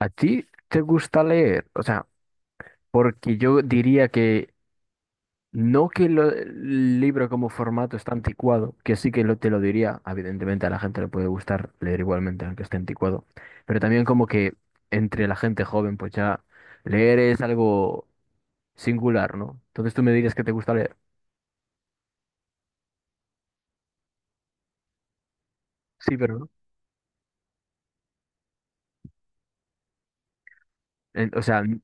¿A ti te gusta leer? O sea, porque yo diría que no que el libro como formato está anticuado, que sí que te lo diría, evidentemente a la gente le puede gustar leer igualmente, aunque esté anticuado, pero también como que entre la gente joven, pues ya leer es algo singular, ¿no? Entonces tú me dirías que te gusta leer. Sí, pero no. O sea,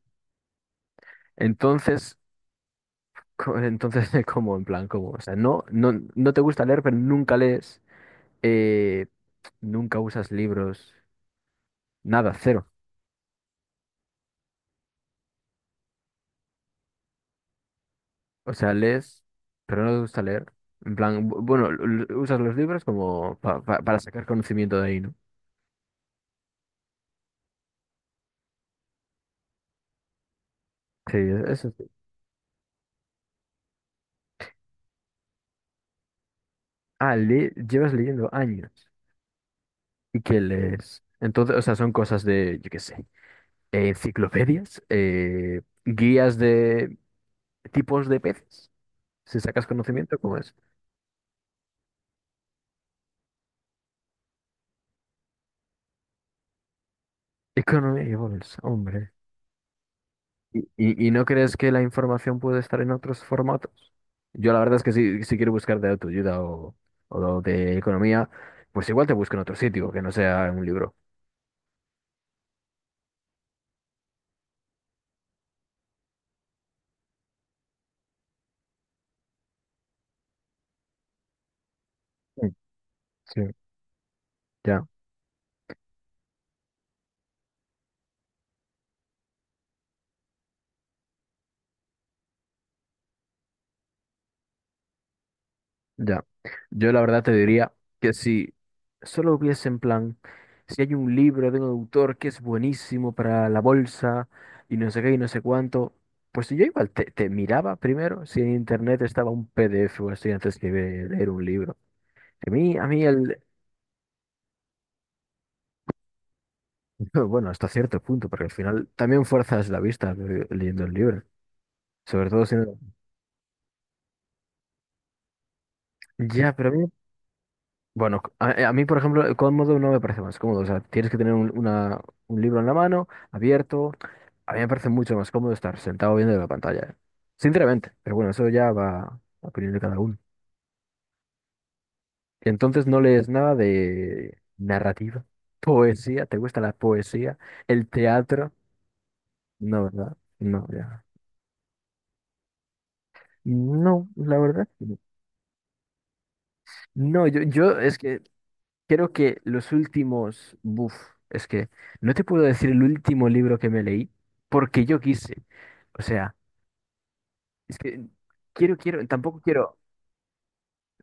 entonces, entonces, ¿cómo? En plan, ¿cómo? O sea, no, no, no te gusta leer, pero nunca lees, eh, nunca usas libros. Nada, cero. O sea, lees, pero no te gusta leer. En plan, bueno, usas los libros como para sacar conocimiento de ahí, ¿no? Sí, eso sí. Ah, llevas leyendo años. ¿Y qué lees? Entonces, o sea, son cosas de, yo qué sé, enciclopedias, guías de tipos de peces. Si sacas conocimiento, ¿cómo es? Economía y bolsa, hombre. ¿Y no crees que la información puede estar en otros formatos? Yo la verdad es que si quiero buscar de autoayuda o de economía, pues igual te busco en otro sitio que no sea en un libro. Mm, sí. Ya, ya. Yo la verdad te diría que si solo hubiese en plan, si hay un libro de un autor que es buenísimo para la bolsa y no sé qué y no sé cuánto, pues yo igual te miraba primero si en internet estaba un PDF o así antes que leer un libro. A mí el, bueno, hasta cierto punto, porque al final también fuerzas la vista leyendo el libro, sobre todo si no... Ya, pero a mí, bueno, a mí, por ejemplo, el cómodo no me parece más cómodo, o sea, tienes que tener un libro en la mano, abierto, a mí me parece mucho más cómodo estar sentado viendo la pantalla. Sinceramente, pero bueno, eso ya va a opinión de cada uno. Entonces no lees nada de narrativa, poesía, ¿te gusta la poesía? ¿El teatro? No, ¿verdad? No, ya. No, la verdad. No, no, yo es que creo que los últimos, es que no te puedo decir el último libro que me leí porque yo quise. O sea, es que quiero, quiero, tampoco quiero.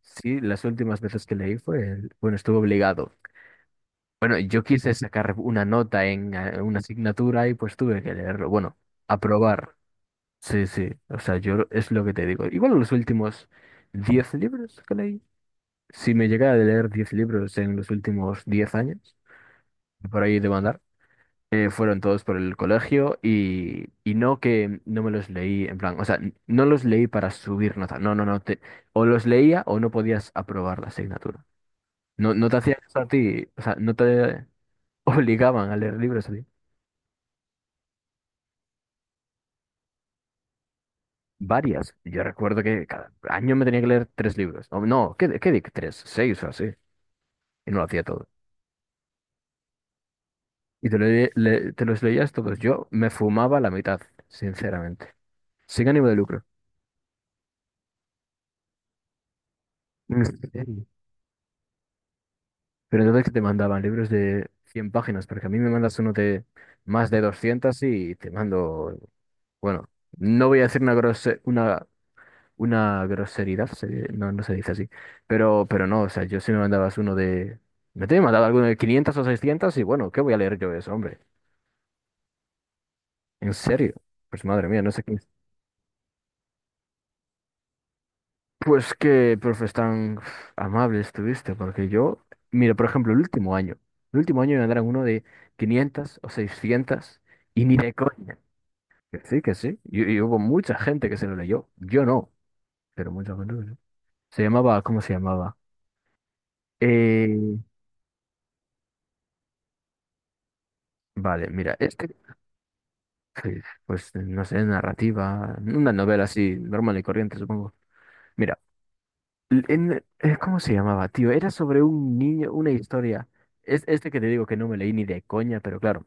Sí, las últimas veces que leí fue, bueno, estuve obligado. Bueno, yo quise sacar una nota en una asignatura y pues tuve que leerlo. Bueno, aprobar. Sí, sí. O sea, yo es lo que te digo. Igual los últimos 10 libros que leí. Si me llegara a leer 10 libros en los últimos 10 años, por ahí de mandar fueron todos por el colegio y no que no me los leí en plan, o sea, no los leí para subir nota, no, no, no, o los leía o no podías aprobar la asignatura. No, no te hacían eso a ti, o sea, no te obligaban a leer libros a ti. Varias. Yo recuerdo que cada año me tenía que leer 3 libros. O no, ¿qué di? 3, 6 o así. Y no lo hacía todo. Y te los leías todos. Yo me fumaba la mitad, sinceramente. Sin ánimo de lucro. Pero entonces que te mandaban libros de 100 páginas, porque a mí me mandas uno de más de 200 y te mando, bueno, no voy a decir una una groseridad, no, no se dice así, pero no, o sea, yo si me mandabas uno de, me te he mandado alguno de 500 o 600 y bueno, ¿qué voy a leer yo de eso, hombre? En serio, pues madre mía, no sé qué. Pues qué profes tan amables tuviste, porque yo, mira, por ejemplo, el último año me mandaron uno de 500 o 600 y ni de coña. Que sí, que sí. Y hubo mucha gente que se lo leyó. Yo no, pero mucha gente que no. Se llamaba, ¿cómo se llamaba? Eh, vale, mira, este, sí, pues no sé, narrativa, una novela así, normal y corriente, supongo. Mira. ¿Cómo se llamaba, tío? Era sobre un niño, una historia. Es este que te digo que no me leí ni de coña, pero claro,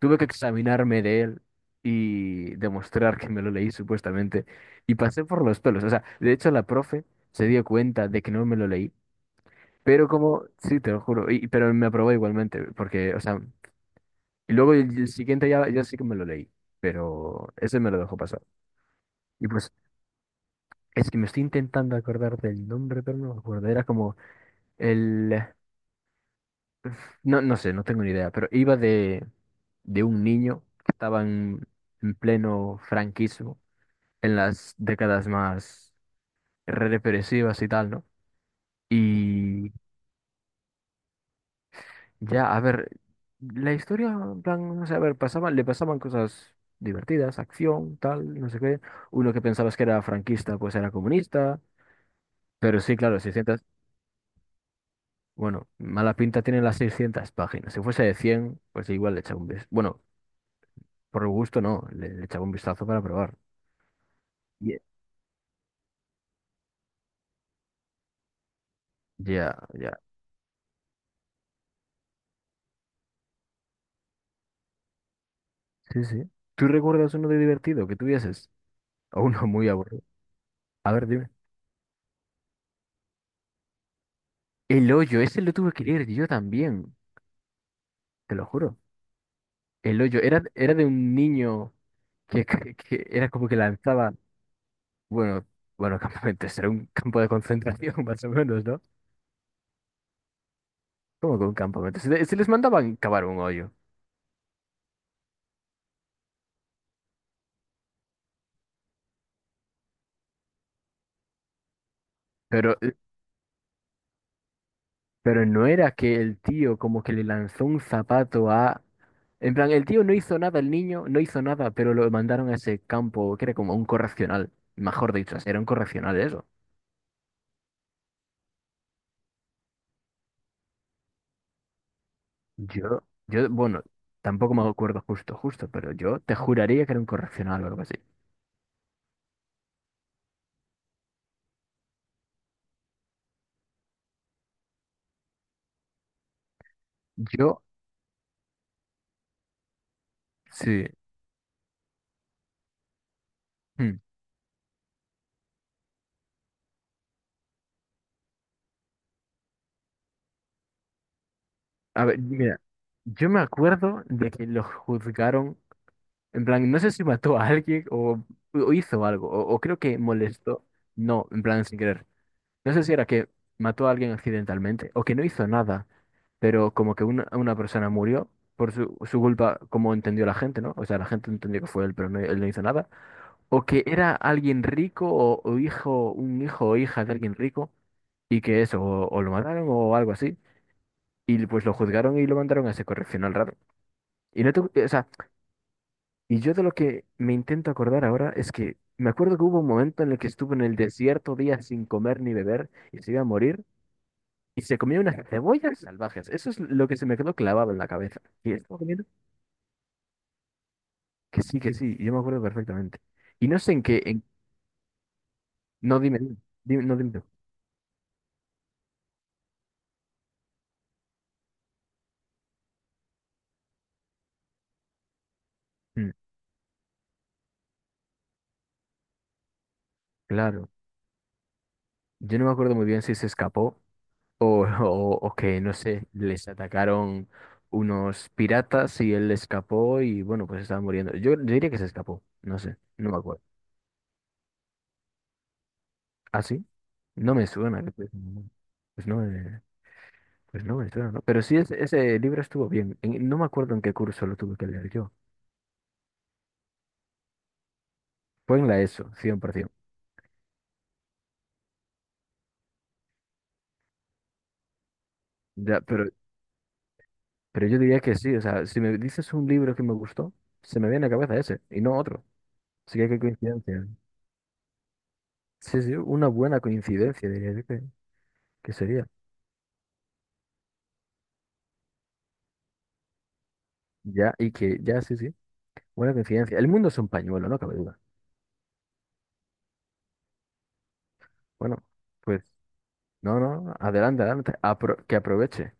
tuve que examinarme de él y demostrar que me lo leí supuestamente. Y pasé por los pelos. O sea, de hecho la profe se dio cuenta de que no me lo leí. Pero como, sí, te lo juro, pero me aprobó igualmente, porque, o sea, y luego el siguiente ya, ya sí que me lo leí, pero ese me lo dejó pasar. Y pues, es que me estoy intentando acordar del nombre, pero no me acuerdo. Era como el. No, no sé, no tengo ni idea, pero iba de, un niño que estaba en pleno franquismo, en las décadas más represivas y tal, ¿no? Y ya, a ver, la historia, en plan, no sé, a ver, le pasaban cosas divertidas, acción, tal, no sé qué. Uno que pensabas que era franquista, pues era comunista, pero sí, claro, 600, bueno, mala pinta tienen las 600 páginas. Si fuese de 100 pues igual le echa un beso. Bueno, por gusto no, le echaba un vistazo para probar. Ye- Ya, ya. Sí, sí. ¿Tú recuerdas uno de divertido que tuvieses? O uno muy aburrido. A ver, dime. El hoyo, ese lo tuve que leer yo también, te lo juro. El hoyo, era de un niño que, que era como que lanzaba, bueno, bueno, campamentos, era un campo de concentración más o menos, ¿no? Como que un campamento. Se les mandaban cavar un hoyo, pero eh, pero no era que el tío como que le lanzó un zapato a... En plan, el tío no hizo nada, el niño no hizo nada, pero lo mandaron a ese campo que era como un correccional, mejor dicho, era un correccional eso. Yo, bueno, tampoco me acuerdo justo, justo, pero yo te juraría que era un correccional o algo así. Yo, sí. Hmm. A ver, mira, yo me acuerdo de que lo juzgaron, en plan, no sé si mató a alguien o hizo algo, o creo que molestó. No, en plan, sin querer. No sé si era que mató a alguien accidentalmente o que no hizo nada, pero como que una persona murió por su culpa, como entendió la gente, ¿no? O sea, la gente entendió que fue él, pero no, él no hizo nada. O que era alguien rico o un hijo o hija de alguien rico y que eso, o lo mataron o algo así. Y pues lo juzgaron y lo mandaron a ese correccional raro. Y no o sea, y yo de lo que me intento acordar ahora es que me acuerdo que hubo un momento en el que estuvo en el desierto días sin comer ni beber y se iba a morir. Y se comió unas cebollas salvajes. Eso es lo que se me quedó clavado en la cabeza. ¿Y estaba comiendo? Que sí, que sí. Yo me acuerdo perfectamente. Y no sé en qué. No, dime, dime, no, dime tú. Mm, claro. Yo no me acuerdo muy bien si se escapó o que, no sé, les atacaron unos piratas y él escapó y, bueno, pues estaba muriendo. Yo diría que se escapó. No sé. No me acuerdo. ¿Ah, sí? No me suena. Pues no me. Pues no, me suena, ¿no? Pero sí, ese libro estuvo bien. No me acuerdo en qué curso lo tuve que leer yo. Fue en la ESO, 100%. Ya, pero yo diría que sí. O sea, si me dices un libro que me gustó, se me viene a la cabeza ese y no otro. Así que qué coincidencia. Sí, sí, una buena coincidencia, diría yo que sería. Ya, y que, ya, sí, sí. Buena coincidencia. El mundo es un pañuelo, no cabe duda. Bueno, pues, no, no, adelante, adelante. Que aproveche.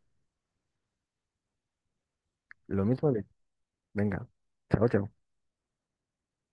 Lo mismo de. Venga. Chao, chao.